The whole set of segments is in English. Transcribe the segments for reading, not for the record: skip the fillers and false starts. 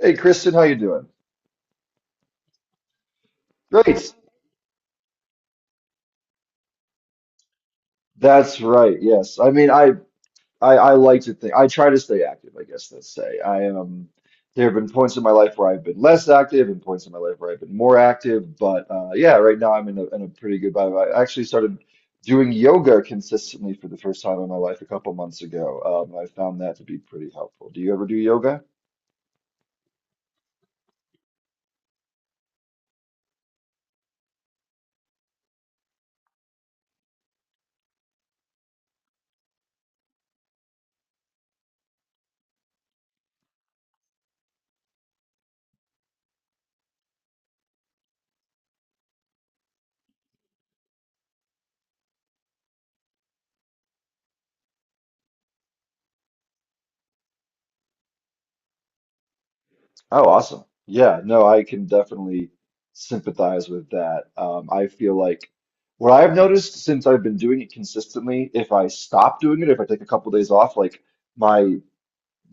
Hey Kristen, how you doing? Great. That's right. Yes. I mean, I like to think I try to stay active, I guess let's say. I There have been points in my life where I've been less active and points in my life where I've been more active, but yeah, right now I'm in a pretty good vibe. I actually started doing yoga consistently for the first time in my life a couple months ago. I found that to be pretty helpful. Do you ever do yoga? Oh, awesome. Yeah, no, I can definitely sympathize with that. I feel like what I've noticed since I've been doing it consistently, if I stop doing it, if I take a couple days off, like my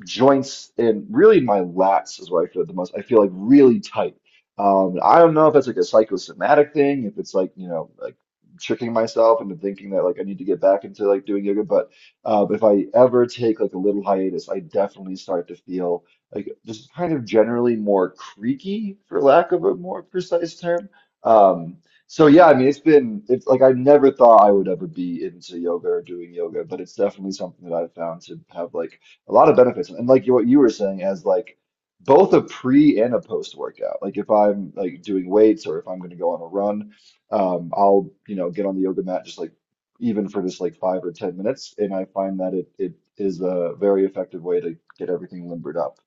joints and really my lats is where I feel it the most. I feel like really tight. I don't know if that's like a psychosomatic thing, if it's like, you know, like tricking myself into thinking that like I need to get back into like doing yoga. But if I ever take like a little hiatus, I definitely start to feel like just kind of generally more creaky, for lack of a more precise term. Um, so yeah, I mean, it's been, it's like I never thought I would ever be into yoga or doing yoga, but it's definitely something that I've found to have like a lot of benefits and like you, what you were saying as like both a pre and a post workout, like if I'm like doing weights or if I'm going to go on a run, I'll, you know, get on the yoga mat just like even for just like 5 or 10 minutes, and I find that it is a very effective way to get everything limbered up.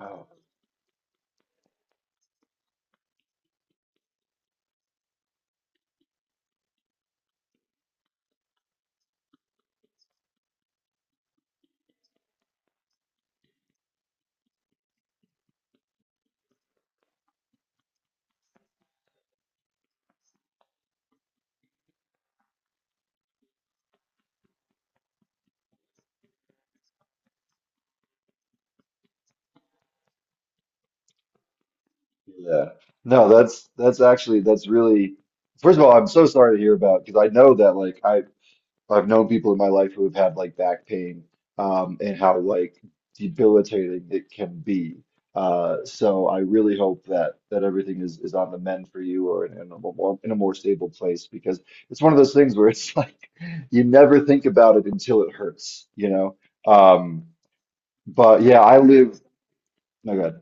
Oh, yeah, no that's that's actually that's really, first of all, I'm so sorry to hear about, because I know that like I've known people in my life who have had like back pain, and how like debilitating it can be. So I really hope that that everything is on the mend for you, or in a more, in a more stable place, because it's one of those things where it's like you never think about it until it hurts, you know. Um, but yeah, I live. No, God.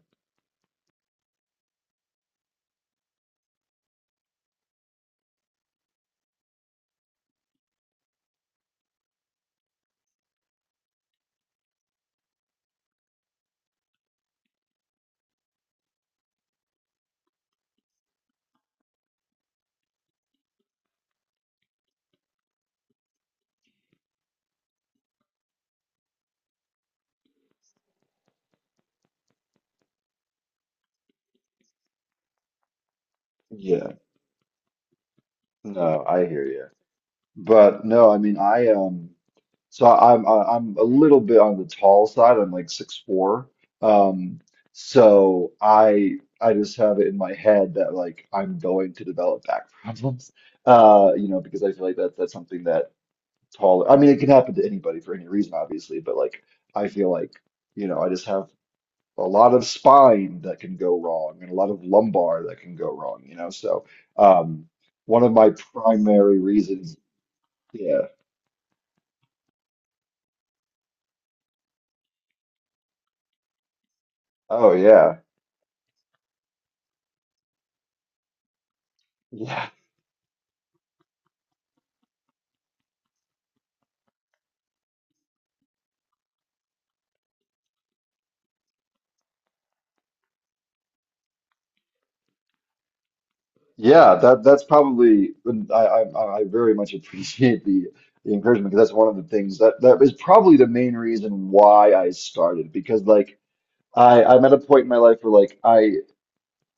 Yeah. No, I hear you. But no, I mean, I. So I'm a little bit on the tall side. I'm like six four. Um, so I just have it in my head that like I'm going to develop back problems. You know, because I feel like that that's something that tall. I mean, it can happen to anybody for any reason, obviously, but like I feel like, you know, I just have a lot of spine that can go wrong and a lot of lumbar that can go wrong. You know, so um, one of my primary reasons. Yeah. Oh yeah. Yeah. Yeah, that that's probably I very much appreciate the encouragement, because that's one of the things that that is probably the main reason why I started, because like I I'm at a point in my life where like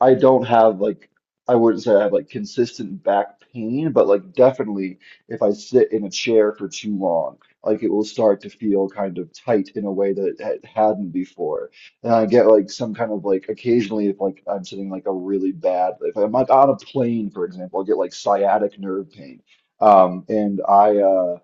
I don't have like, I wouldn't say I have like consistent back pain, but like definitely if I sit in a chair for too long, like it will start to feel kind of tight in a way that it hadn't before. And I get like some kind of like occasionally if like I'm sitting like a really bad if I'm like on a plane, for example, I get like sciatic nerve pain. And I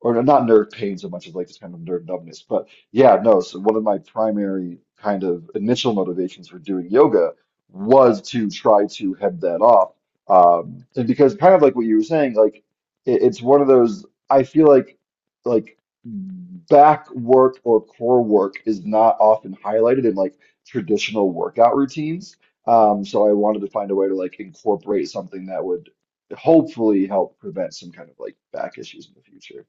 Or not nerve pain so much as like just kind of nerve numbness. But yeah, no. So one of my primary kind of initial motivations for doing yoga was to try to head that off. And because kind of like what you were saying, like it's one of those, I feel like back work or core work is not often highlighted in like traditional workout routines. So I wanted to find a way to like incorporate something that would hopefully help prevent some kind of like back issues in the future.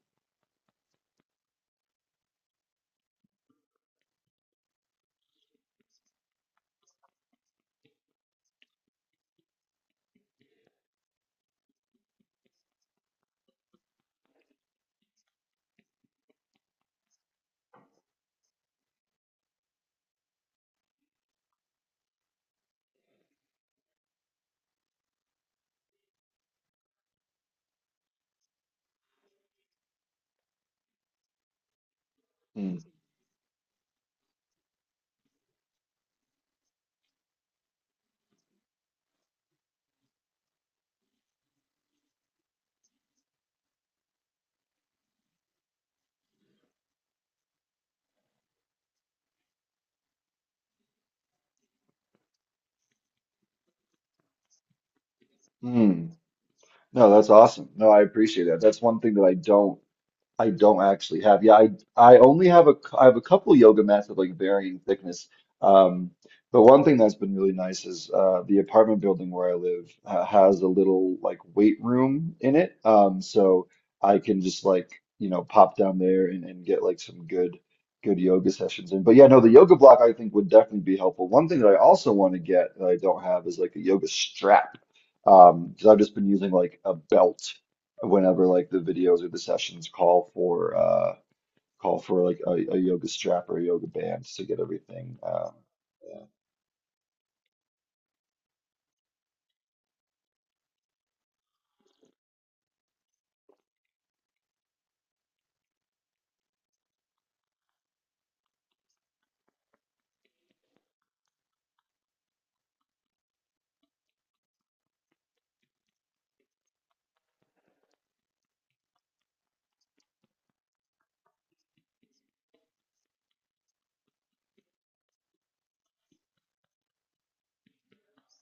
Mm. Mm. No, that's awesome. No, I appreciate that. That's one thing that I don't actually have. Yeah, I only have I have a couple yoga mats of like varying thickness. Um, but one thing that's been really nice is the apartment building where I live has a little like weight room in it. So I can just like, you know, pop down there and get like some good good yoga sessions in. But yeah, no, the yoga block I think would definitely be helpful. One thing that I also want to get that I don't have is like a yoga strap. Because I've just been using like a belt whenever like the videos or the sessions call for call for like a yoga strap or a yoga band to get everything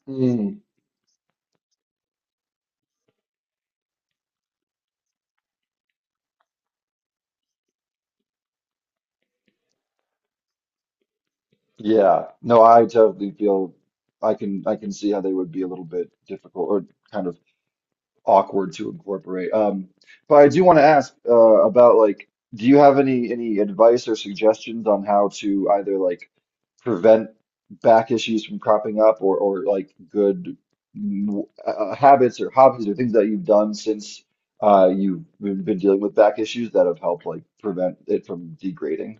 yeah. Yeah, no I totally feel I can see how they would be a little bit difficult or kind of awkward to incorporate. But I do want to ask about like, do you have any advice or suggestions on how to either like prevent back issues from cropping up, or like good habits or hobbies or things that you've done since you've been dealing with back issues that have helped like prevent it from degrading?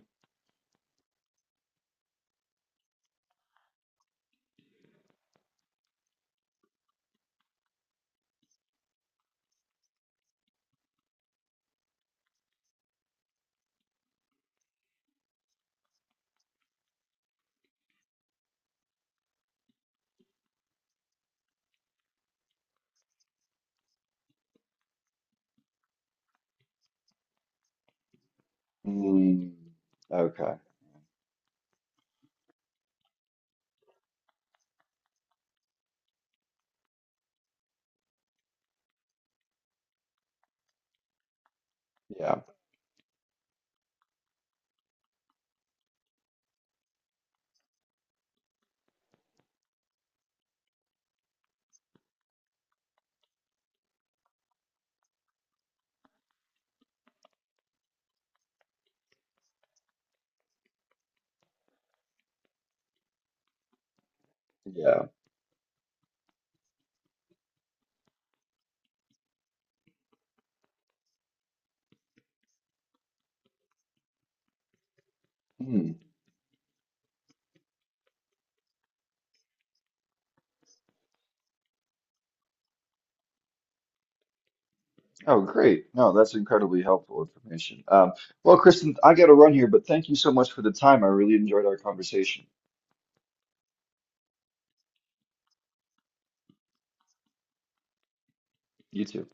Mm, okay. Yeah. Yeah. Hmm. Oh, great. No, that's incredibly helpful information. Well, Kristen, I got to run here, but thank you so much for the time. I really enjoyed our conversation. You too.